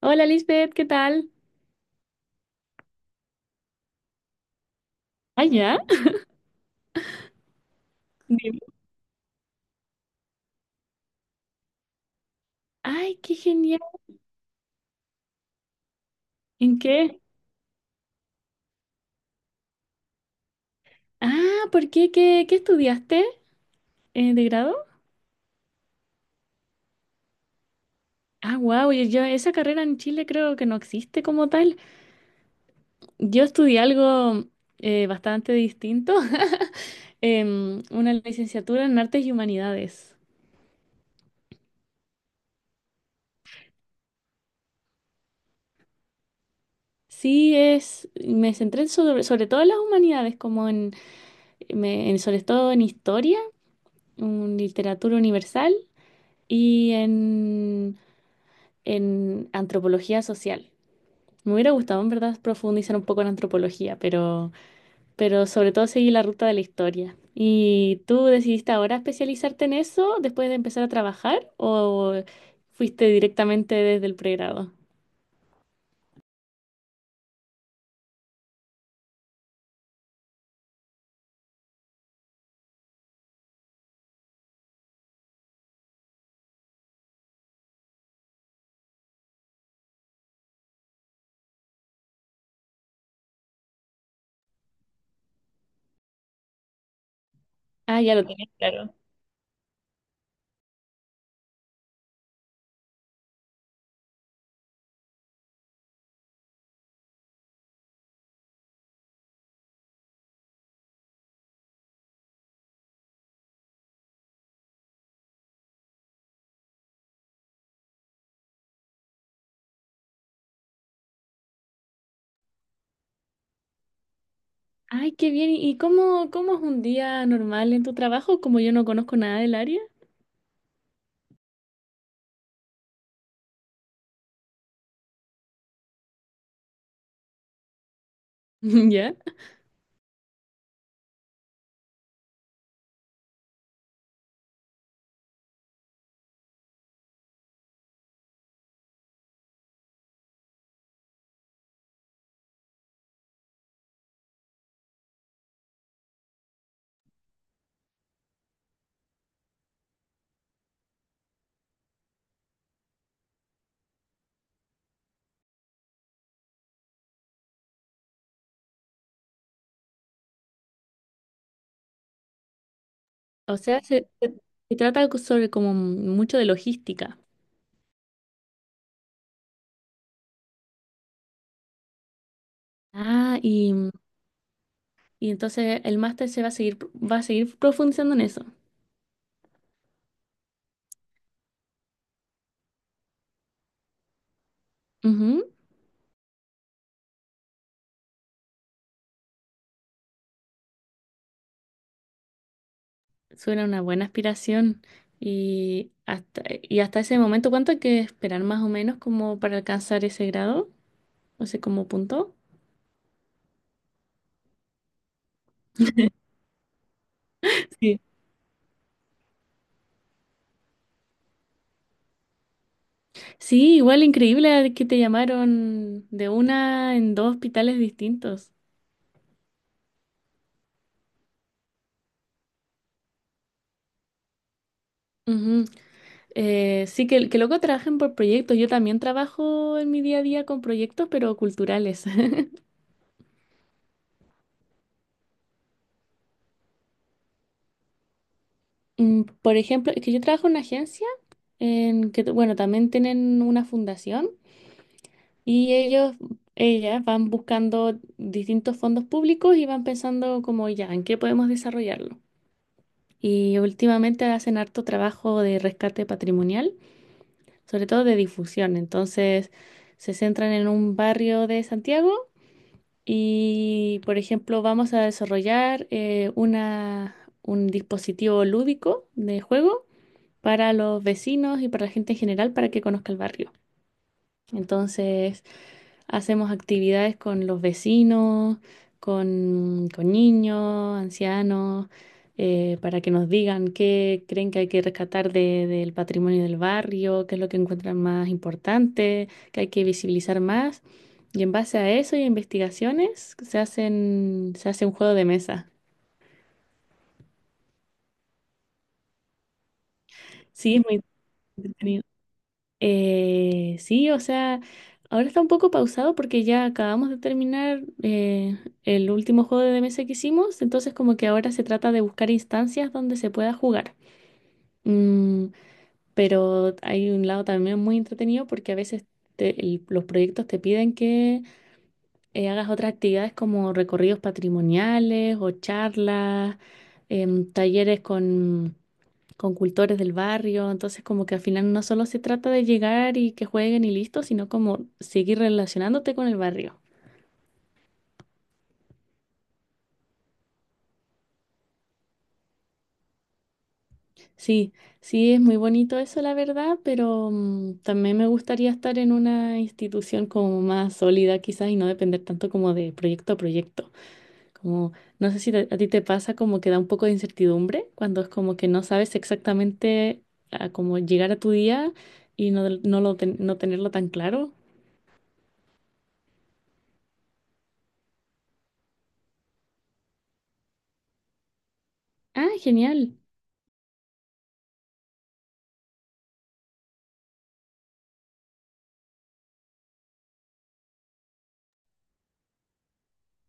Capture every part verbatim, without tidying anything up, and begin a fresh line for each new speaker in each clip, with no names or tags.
Hola Lisbeth, ¿qué tal? ¿Ah, ya? Dime. Ay, qué genial. ¿En qué? Ah, ¿por qué? ¿Qué, qué estudiaste eh, de grado? Ah, wow, yo, esa carrera en Chile creo que no existe como tal. Yo estudié algo eh, bastante distinto. Em, una licenciatura en Artes y Humanidades. Sí, es, me centré en sobre, sobre todo en las humanidades, como en, me- en sobre todo en historia, en literatura universal y en en antropología social. Me hubiera gustado, en verdad, profundizar un poco en antropología, pero, pero sobre todo seguí la ruta de la historia. ¿Y tú decidiste ahora especializarte en eso después de empezar a trabajar o fuiste directamente desde el pregrado? Ah, ya lo tenías claro. Ay, qué bien. ¿Y cómo, cómo es un día normal en tu trabajo? Como yo no conozco nada del área. ¿Ya? O sea, se, se- se trata co- sobre como mucho de logística. Ah, y Y entonces el máster se va a seguir, va a seguir profundizando en eso. Ujú. Suena una buena aspiración. Y hasta, y hasta ese momento, ¿cuánto hay que esperar más o menos como para alcanzar ese grado? O sea, como punto. Sí. Sí, igual increíble que te llamaron de una en dos hospitales distintos. Ujú. Eh, sí, que, que luego trabajen por proyectos. Yo también trabajo en mi día a día con proyectos, pero culturales. Mm, por ejemplo, es que yo trabajo en una agencia en que, bueno, también tienen una fundación y ellos, ellas van buscando distintos fondos públicos y van pensando como ya, ¿en qué podemos desarrollarlo? Y últimamente hacen harto trabajo de rescate patrimonial, sobre todo de difusión. Entonces, se centran en un barrio de Santiago y, por ejemplo, vamos a desarrollar eh, una, un dispositivo lúdico de juego para los vecinos y para la gente en general para que conozca el barrio. Entonces hacemos actividades con los vecinos, con, con niños, ancianos, eh, para que nos digan qué creen que hay que rescatar de- del patrimonio del barrio, qué es lo que encuentran más importante, qué hay que visibilizar más. Y en base a eso y a investigaciones se hacen, se hace un juego de mesa. Sí, es muy entretenido. Eh, sí, o sea, ahora está un poco pausado porque ya acabamos de terminar eh, el último juego de mesa que hicimos, entonces como que ahora se trata de buscar instancias donde se pueda jugar. Mm, pero hay un lado también muy entretenido porque a veces te- el- los proyectos te piden que eh, hagas otras actividades como recorridos patrimoniales o charlas, em, talleres con, con cultores del barrio. Entonces, como que al final no solo se trata de llegar y que jueguen y listo, sino como seguir relacionándote con el barrio. Sí, sí, es muy bonito eso, la verdad, pero mm, también me gustaría estar en una institución como más sólida quizás y no depender tanto como de proyecto a proyecto. Como, no sé si te- a ti te pasa como que da un poco de incertidumbre cuando es como que no sabes exactamente a cómo llegar a tu día y no, del- no, lo ten- no tenerlo tan claro. Ah, genial.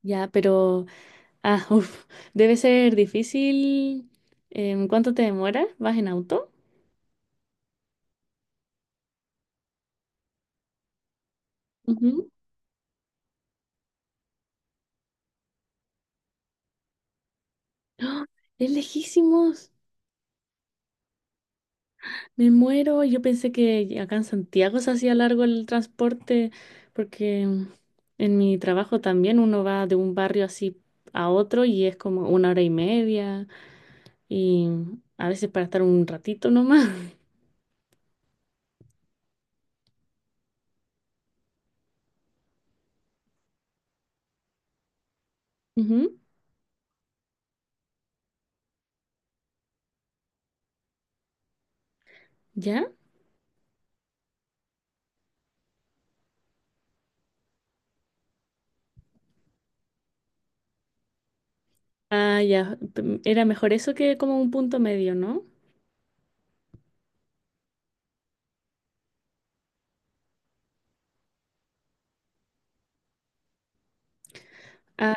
Ya, pero, ah, uf, debe ser difícil. Em, ¿cuánto te demora? ¿Vas en auto? Ujú. ¡Ah! Es lejísimos. Me muero, yo pensé que acá en Santiago se hacía largo el transporte, porque en mi trabajo también uno va de un barrio así a otro y es como una hora y media, y a veces para estar un ratito nomás. Ujú. ¿Ya? Ah, ya. P- Era mejor eso que como un punto medio, ¿no? Ah,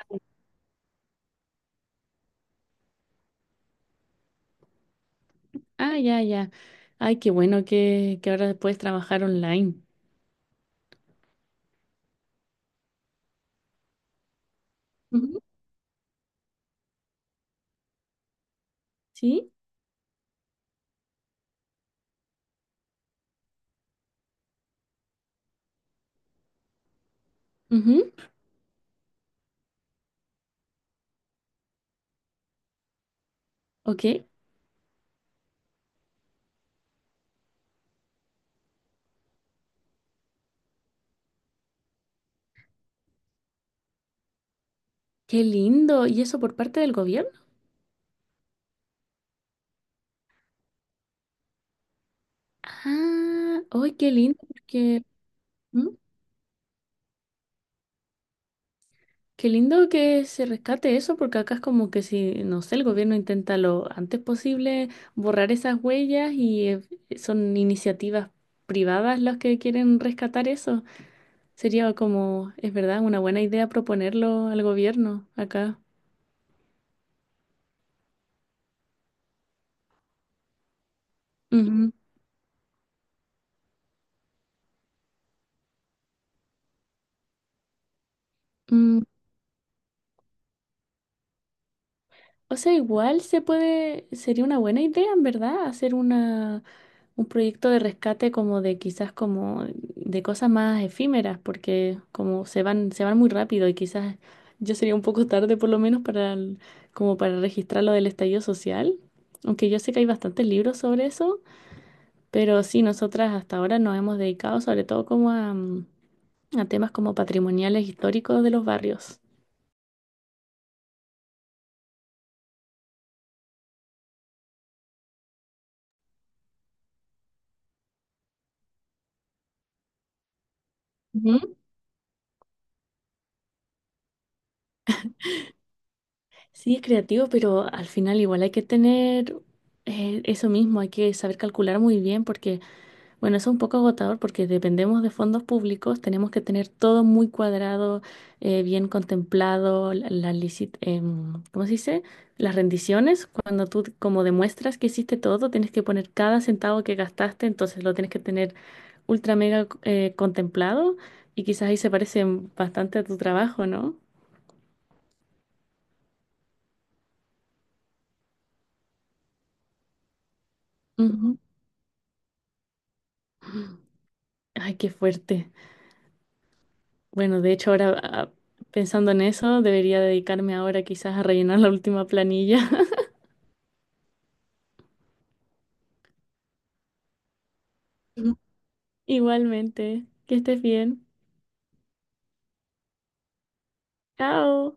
ah, ya, ya. Ay, qué bueno que, que ahora puedes trabajar online. Ujú. ¿Sí? Ujú. Ok. Qué lindo. ¿Y eso por parte del gobierno? Ah, ¡ay, qué lindo! Porque, ¿mm? Qué lindo que se rescate eso, porque acá es como que si, no sé, el gobierno intenta lo antes posible borrar esas huellas y eh, son iniciativas privadas las que quieren rescatar eso. Sería como, es verdad, una buena idea proponerlo al gobierno acá. Ujú. Mm, O sea, igual se puede, sería una buena idea, en verdad, hacer una, un proyecto de rescate como de quizás como de cosas más efímeras, porque como se van, se van muy rápido y quizás yo sería un poco tarde por lo menos para el- como para registrar lo del estallido social, aunque yo sé que hay bastantes libros sobre eso, pero sí, nosotras hasta ahora nos hemos dedicado sobre todo como a, mm, a temas como patrimoniales históricos de los barrios. Sí, es creativo, pero al final igual hay que tener eh, eso mismo, hay que saber calcular muy bien porque, bueno, eso es un poco agotador porque dependemos de fondos públicos, tenemos que tener todo muy cuadrado, eh, bien contemplado, la, la licit- em, ¿cómo se dice? Las rendiciones, cuando tú como demuestras que hiciste todo, tienes que poner cada centavo que gastaste, entonces lo tienes que tener ultra mega eh, contemplado y quizás ahí se parece bastante a tu trabajo, ¿no? Ujú. Ay, qué fuerte. Bueno, de hecho ahora ah, pensando en eso, debería dedicarme ahora quizás a rellenar la última planilla. Ujú. Igualmente, que estés bien. Chao.